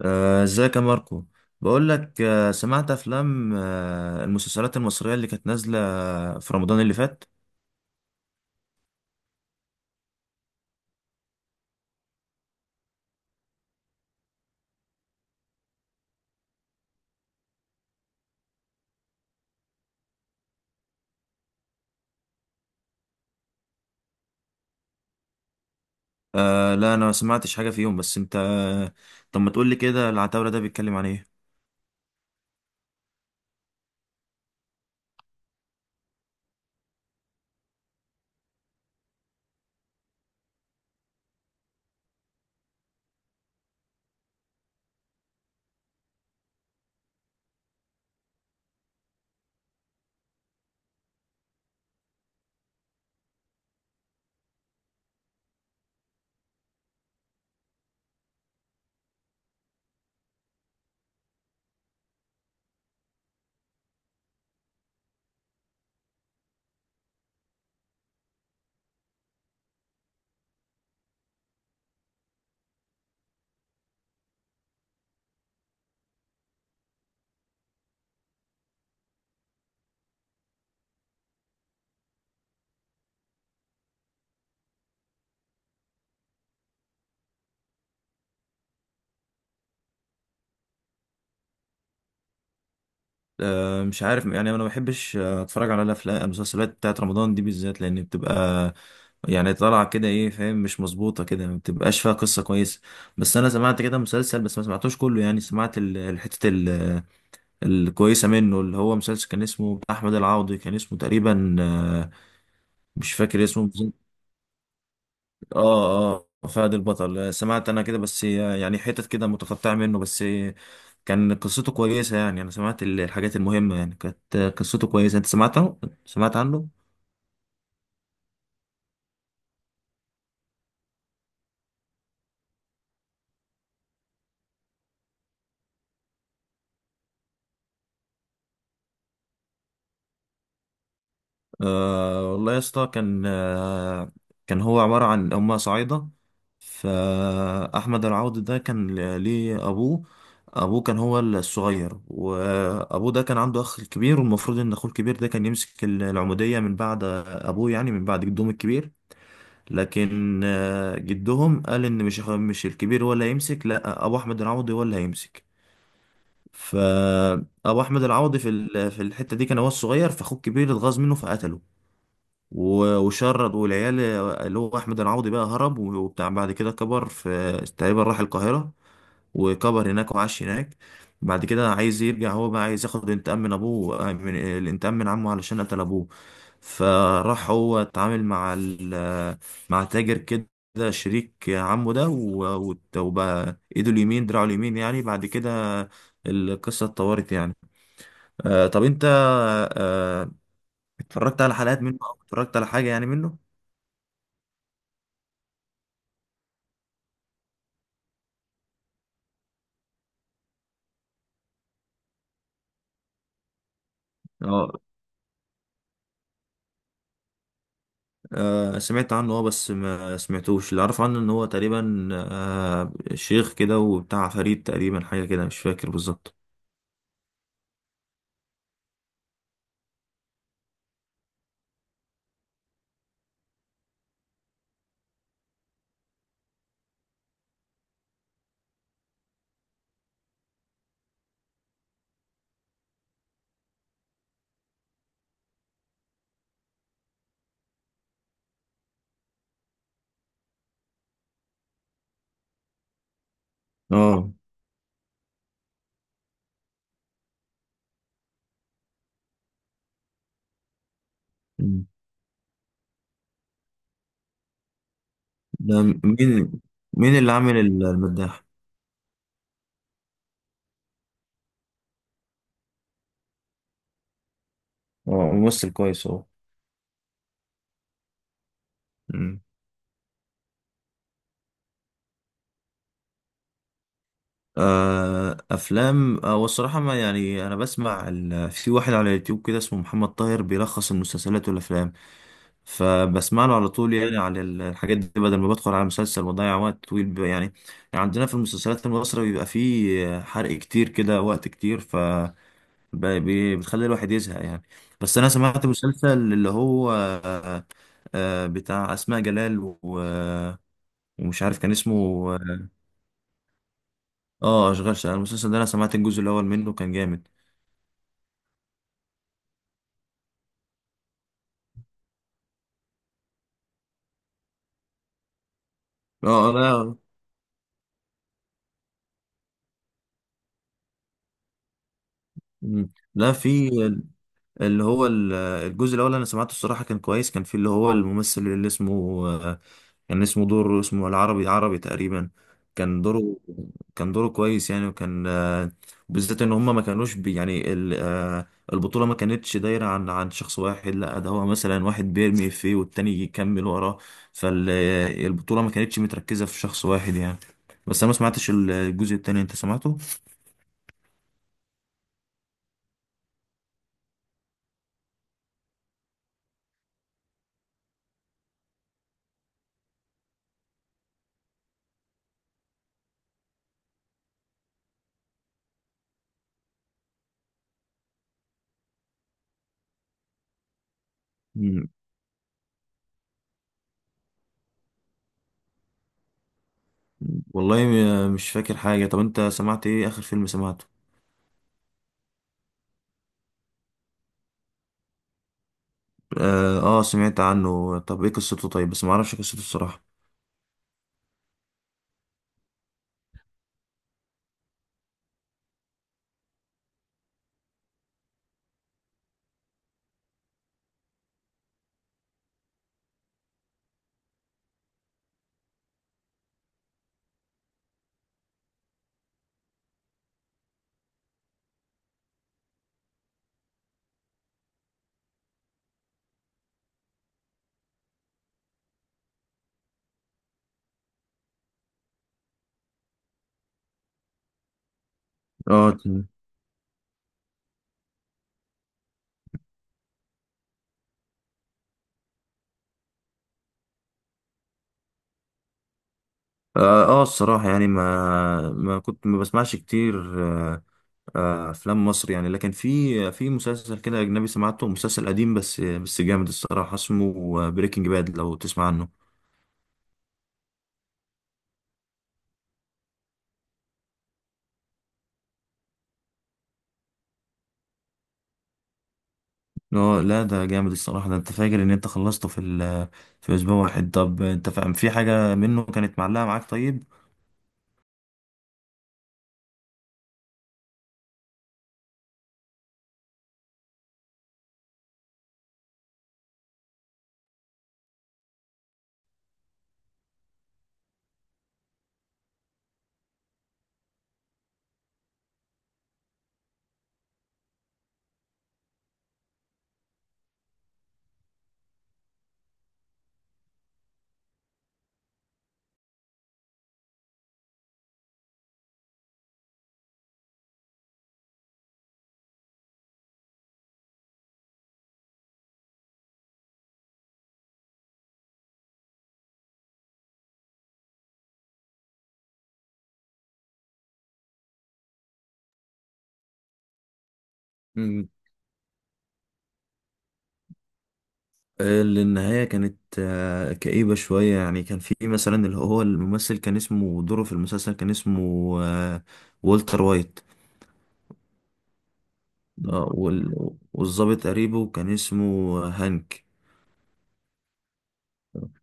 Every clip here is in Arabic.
ازيك يا ماركو؟ بقول لك، سمعت افلام، المسلسلات المصرية اللي كانت نازلة في رمضان اللي فات. لا، انا ما سمعتش حاجة فيهم، بس انت طب ما تقول لي كده، العتاولة ده بيتكلم عن ايه؟ مش عارف يعني، انا ما بحبش اتفرج على الافلام المسلسلات بتاعت رمضان دي بالذات، لان بتبقى يعني طالعة كده، ايه، فاهم، مش مظبوطة كده، ما بتبقاش فيها قصة كويسة. بس انا سمعت كده مسلسل، بس ما سمعتوش كله، يعني سمعت الحتة الكويسة منه، اللي هو مسلسل كان اسمه بتاع أحمد العوضي، كان اسمه تقريبا مش فاكر اسمه بالظبط. اه. اه، فهد البطل. سمعت أنا كده، بس يعني حتت كده متقطعة منه، بس كان قصته كويسة يعني، أنا سمعت الحاجات المهمة، يعني كانت قصته كويسة. أنت سمعت عنه؟ سمعت عنه؟ أه والله يا اسطى، كان كان هو عبارة عن، هما صعايدة. فأحمد العوضي ده كان ليه أبوه. أبوه كان هو الصغير، وأبوه ده كان عنده أخ كبير، والمفروض إن أخوه الكبير ده كان يمسك العمودية من بعد أبوه، يعني من بعد جدهم الكبير. لكن جدهم قال إن مش مش الكبير هو اللي هيمسك، لأ، أبو أحمد العوضي هو اللي هيمسك. فأبو أحمد العوضي في في الحتة دي كان هو الصغير، فأخوه الكبير اتغاظ منه فقتله، وشرد. والعيال اللي هو احمد العوضي بقى هرب وبتاع. بعد كده كبر في، تقريبا راح القاهره، وكبر هناك وعاش هناك. بعد كده عايز يرجع، هو بقى عايز ياخد انتقام من ابوه، من الانتقام من عمه علشان قتل ابوه. فراح هو اتعامل مع مع تاجر كده، شريك عمه ده، وبقى ايده اليمين، دراعه اليمين يعني. بعد كده القصة اتطورت يعني. آه، طب انت، آه، اتفرجت على حلقات منه، او اتفرجت على حاجة يعني منه؟ اه. سمعت عنه، اه، بس ما سمعتوش. اللي اعرف عنه ان هو تقريبا آه شيخ كده وبتاع فريد تقريبا، حاجة كده، مش فاكر بالظبط. اه. مم. ده مين؟ مين اللي عامل المداح؟ اه، ممثل كويس. اهو. افلام، والصراحه، ما يعني انا بسمع في واحد على اليوتيوب كده اسمه محمد طاهر بيلخص المسلسلات والافلام، فبسمع له على طول يعني على الحاجات دي، بدل ما بدخل على مسلسل واضيع وقت طويل، يعني يعني عندنا في المسلسلات المصرية بيبقى فيه حرق كتير كده، وقت كتير، ف بتخلي الواحد يزهق يعني. بس انا سمعت مسلسل اللي هو بتاع اسماء جلال و... ومش عارف كان اسمه. اه. اشغال شقه، المسلسل ده انا سمعت الجزء الاول منه، كان جامد. اه. لا. لا، في اللي هو الجزء الاول انا سمعته الصراحه، كان كويس. كان في اللي هو الممثل اللي اسمه آه، كان اسمه دور، اسمه العربي، عربي تقريبا. كان دوره، كان دوره كويس يعني، وكان بالذات ان هم ما كانوش بي يعني البطوله ما كانتش دايره عن عن شخص واحد، لا، ده هو مثلا واحد بيرمي فيه والتاني يكمل وراه، فالبطوله ما كانتش متركزه في شخص واحد يعني. بس انا ما سمعتش الجزء التاني، انت سمعته؟ والله مش فاكر حاجة. طب انت سمعت ايه؟ اخر فيلم سمعته؟ اه، سمعت عنه، طب ايه قصته؟ طيب، بس ما اعرفش قصته الصراحة. اه ت- اه، الصراحة يعني، ما ما كنت ما بسمعش كتير، آه، آه افلام مصر يعني، لكن في، في مسلسل كده اجنبي سمعته، مسلسل قديم بس بس جامد الصراحة، اسمه بريكنج باد، لو تسمع عنه. اه، لا، ده جامد الصراحة ده. انت فاكر ان انت خلصته في في اسبوع واحد؟ طب انت فاهم في حاجة منه كانت معلقة معاك طيب؟ اللي النهاية كانت كئيبة شوية يعني، كان في مثلا اللي هو الممثل كان اسمه، دوره في المسلسل كان اسمه آه، والتر وايت. والضابط قريبه كان اسمه هانك.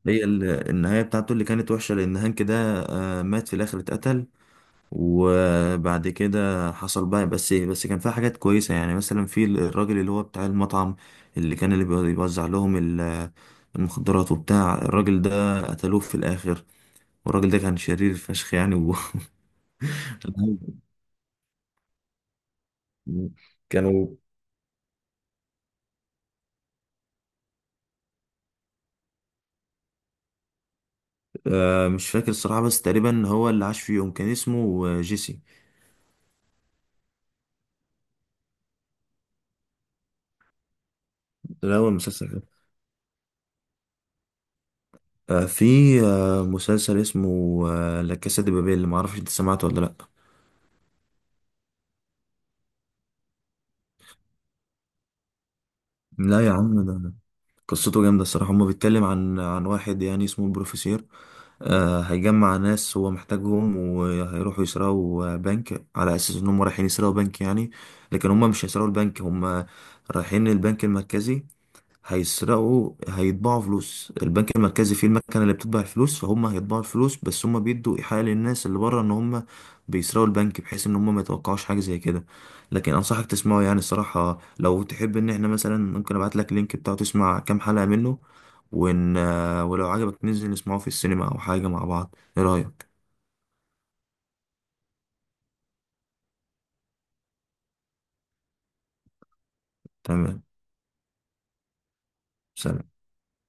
هي النهاية بتاعته اللي كانت وحشة لأن هانك ده مات في الآخر، اتقتل، وبعد كده حصل بقى. بس بس كان فيها حاجات كويسة يعني. مثلا في الراجل اللي هو بتاع المطعم، اللي كان اللي بيوزع لهم المخدرات وبتاع، الراجل ده قتلوه في الآخر. والراجل ده كان شرير فشخ يعني و... كانوا. آه، مش فاكر الصراحة، بس تقريبا هو اللي عاش فيهم كان اسمه جيسي. ده هو المسلسل ده. آه، في آه مسلسل اسمه آه لا كاسا دي بابيل، اللي معرفش انت سمعته ولا لأ. لا يا عم، ده قصته جامدة الصراحة. هو بيتكلم عن عن واحد يعني اسمه البروفيسير، آه، هيجمع ناس هو محتاجهم، وهيروحوا يسرقوا بنك، على أساس إنهم رايحين يسرقوا بنك يعني، لكن هم مش هيسرقوا البنك. هم رايحين البنك المركزي، هيسرقوا، هيطبعوا فلوس. البنك المركزي فيه المكنه اللي بتطبع الفلوس، فهم هيطبعوا الفلوس، بس هم بيدوا ايحاء للناس اللي بره ان هم بيسرقوا البنك، بحيث ان هم ما يتوقعوش حاجه زي كده. لكن انصحك تسمعه يعني الصراحه، لو تحب ان احنا مثلا، ممكن ابعت لك اللينك بتاعه، تسمع كام حلقه منه، ون... ولو عجبك ننزل نسمعه في السينما او حاجه مع بعض. ايه رايك؟ تمام. سلام.